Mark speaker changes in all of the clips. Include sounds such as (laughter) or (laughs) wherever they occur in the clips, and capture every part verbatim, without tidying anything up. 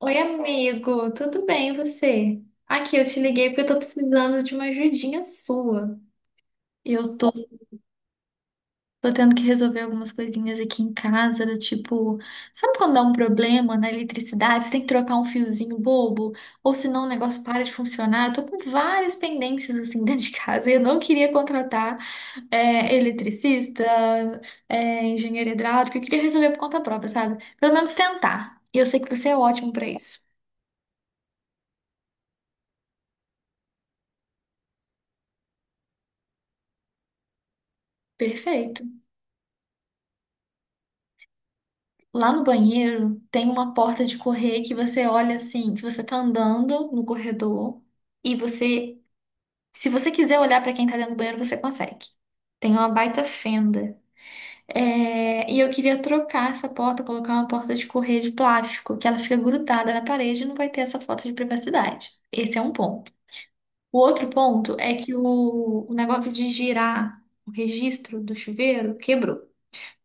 Speaker 1: Oi, amigo, tudo bem e você? Aqui, eu te liguei porque eu tô precisando de uma ajudinha sua. Eu tô, tô tendo que resolver algumas coisinhas aqui em casa, do tipo, sabe quando dá um problema na eletricidade, você tem que trocar um fiozinho bobo, ou senão o negócio para de funcionar? Eu tô com várias pendências assim (laughs) dentro de casa e eu não queria contratar é, eletricista, é, engenheiro hidráulico, eu queria resolver por conta própria, sabe? Pelo menos tentar. E eu sei que você é ótimo pra isso. Perfeito. Lá no banheiro tem uma porta de correr que você olha assim, que você tá andando no corredor e você, se você quiser olhar pra quem tá dentro do banheiro, você consegue. Tem uma baita fenda. É, e eu queria trocar essa porta, colocar uma porta de correr de plástico, que ela fica grudada na parede e não vai ter essa falta de privacidade. Esse é um ponto. O outro ponto é que o, o negócio de girar o registro do chuveiro quebrou.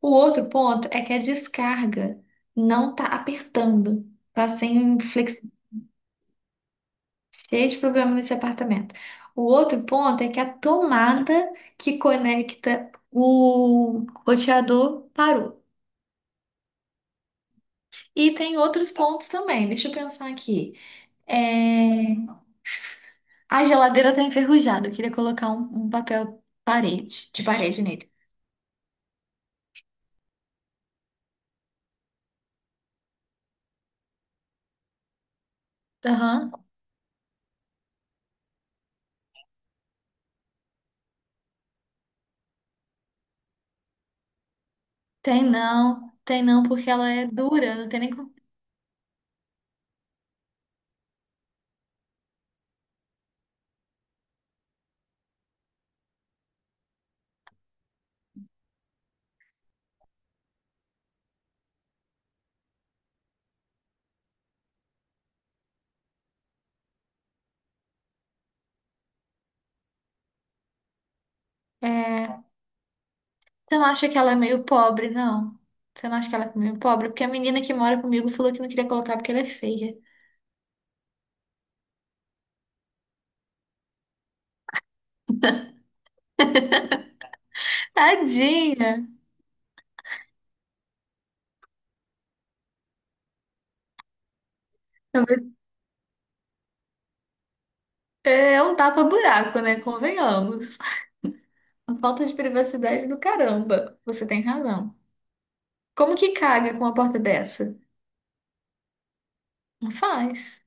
Speaker 1: O outro ponto é que a descarga não tá apertando, tá sem flex... cheio de problema nesse apartamento. O outro ponto é que a tomada que conecta o roteador parou. E tem outros pontos também. Deixa eu pensar aqui. É, a geladeira tá enferrujada. Eu queria colocar um, um papel parede, de parede nele. Aham. Tem não, tem não, porque ela é dura, não tem nem como. É, você não acha que ela é meio pobre, não? Você não acha que ela é meio pobre? Porque a menina que mora comigo falou que não queria colocar porque ela é feia. Tadinha! É, é um tapa-buraco, né? Convenhamos. Uma falta de privacidade do caramba. Você tem razão. Como que caga com uma porta dessa? Não faz.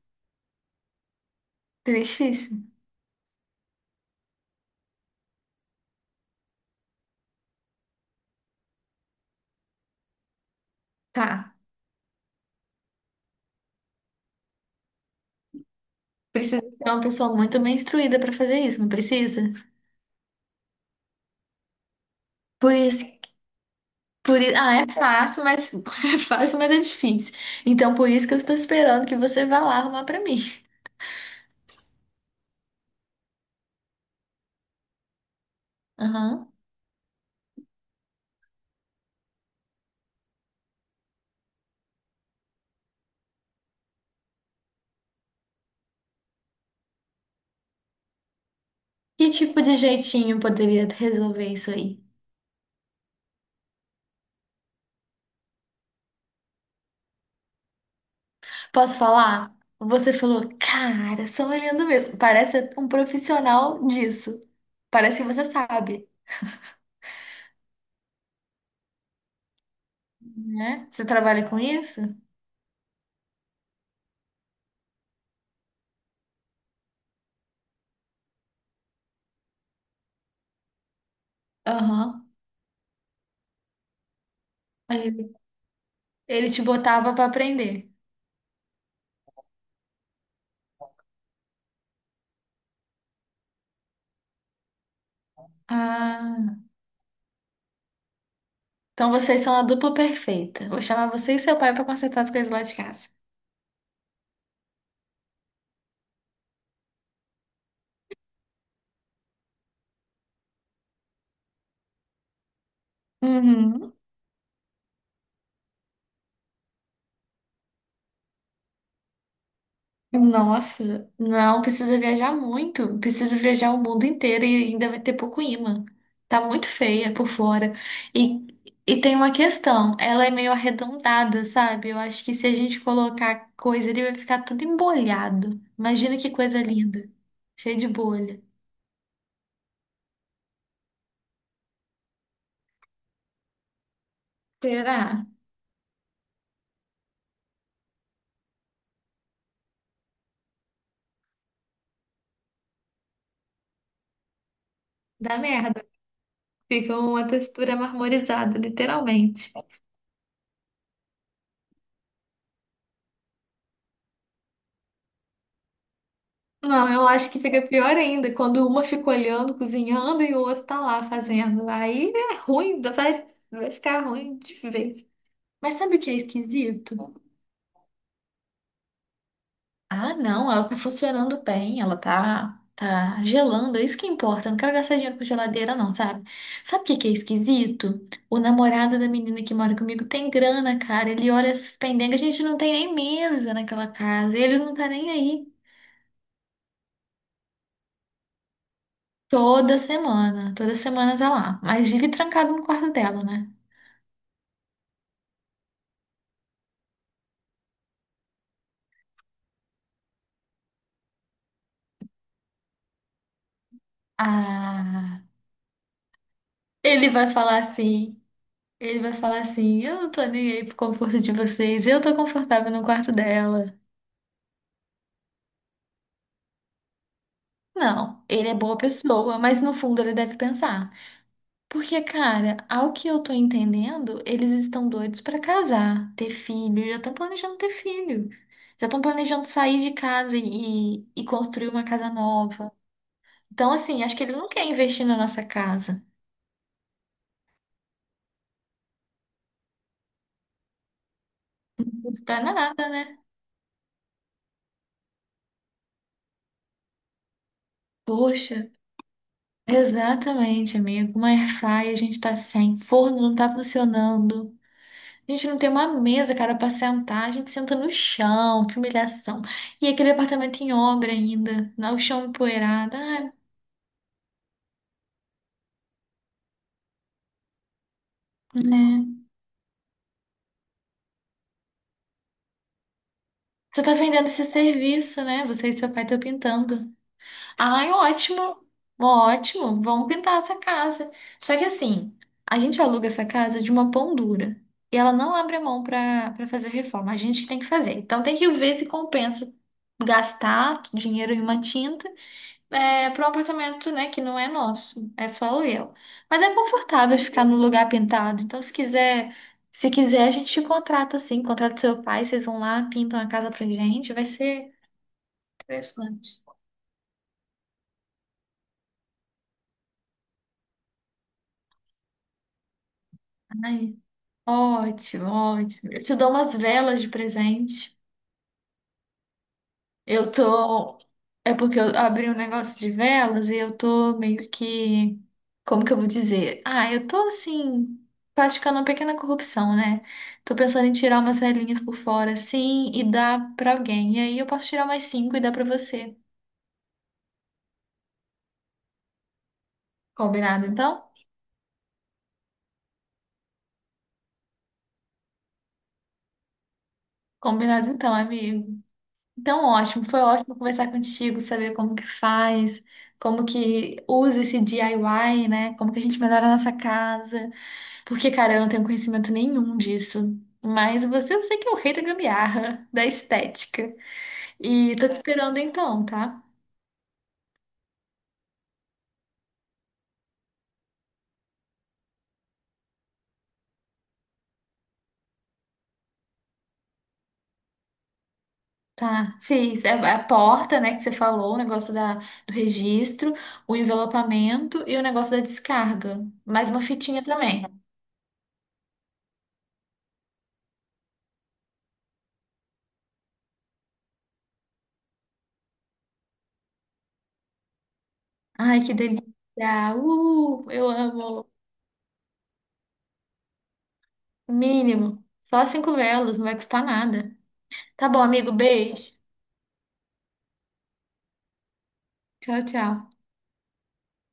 Speaker 1: Tristíssimo. Tá. Precisa ser uma pessoa muito bem instruída pra fazer isso, não precisa? Por isso, por isso, ah, é fácil, mas (laughs) é fácil, mas é difícil. Então, por isso que eu estou esperando que você vá lá arrumar pra mim. Aham. Que tipo de jeitinho poderia resolver isso aí? Posso falar? Você falou, cara, só olhando mesmo. Parece um profissional disso. Parece que você sabe, né? Você trabalha com isso? Aham. Ele ele te botava pra aprender. Ah, então vocês são a dupla perfeita. Vou chamar você e seu pai pra consertar as coisas lá de casa. Uhum. Nossa, não precisa viajar muito, precisa viajar o mundo inteiro e ainda vai ter pouco imã. Tá muito feia por fora. E, e tem uma questão, ela é meio arredondada, sabe? Eu acho que se a gente colocar coisa ali, vai ficar tudo embolhado. Imagina que coisa linda, cheia de bolha. Será? Dá merda. Fica uma textura marmorizada, literalmente. Não, eu acho que fica pior ainda quando uma fica olhando, cozinhando e o outro tá lá fazendo. Aí é ruim, vai, vai ficar ruim de vez. Mas sabe o que é esquisito? Ah, não, ela tá funcionando bem, ela tá, tá gelando, é isso que importa. Eu não quero gastar dinheiro com geladeira, não, sabe? Sabe o que que é esquisito? O namorado da menina que mora comigo tem grana, cara. Ele olha essas pendengas, a gente não tem nem mesa naquela casa, ele não tá nem aí. Toda semana, toda semana tá lá. Mas vive trancado no quarto dela, né? Ah, ele vai falar assim. Ele vai falar assim: eu não tô nem aí pro conforto de vocês, eu tô confortável no quarto dela. Não, ele é boa pessoa, mas no fundo ele deve pensar. Porque, cara, ao que eu tô entendendo, eles estão doidos pra casar, ter filho, já estão planejando ter filho. Já estão planejando sair de casa e, e construir uma casa nova. Então, assim, acho que ele não quer investir na nossa casa. Não tá nada, né? Poxa, exatamente, amigo. Uma airfryer, a gente tá sem, forno não tá funcionando. A gente não tem uma mesa, cara, pra sentar. A gente senta no chão, que humilhação. E aquele apartamento em obra ainda, lá o chão empoeirado. Ah, né? Você tá vendendo esse serviço, né? Você e seu pai estão pintando. Ai, ótimo, ótimo, vamos pintar essa casa. Só que assim, a gente aluga essa casa de uma pão dura e ela não abre a mão para para fazer reforma, a gente que tem que fazer. Então tem que ver se compensa gastar dinheiro em uma tinta, é, para um apartamento, né, que não é nosso, é só aluguel. Mas é confortável ficar no lugar pintado, então se quiser, se quiser a gente te contrata assim, contrata seu pai, vocês vão lá, pintam a casa pra gente, vai ser interessante. Impressionante. Ótimo, ótimo. Eu te dou umas velas de presente. Eu tô. É porque eu abri um negócio de velas e eu tô meio que. Como que eu vou dizer? Ah, eu tô assim, praticando uma pequena corrupção, né? Tô pensando em tirar umas velhinhas por fora, assim, e dar pra alguém. E aí eu posso tirar mais cinco e dar pra você. Combinado então? Combinado então, amigo. Então, ótimo, foi ótimo conversar contigo, saber como que faz, como que usa esse DIY, né? Como que a gente melhora a nossa casa. Porque, cara, eu não tenho conhecimento nenhum disso. Mas você, eu sei que é o rei da gambiarra, da estética. E tô te esperando então, tá? Tá, fiz. É a porta, né, que você falou, o negócio da, do registro, o envelopamento e o negócio da descarga. Mais uma fitinha também. Ai, que delícia! Uh, eu amo! Mínimo. Só cinco velas, não vai custar nada. Tá bom, amigo. Beijo. Tchau, tchau.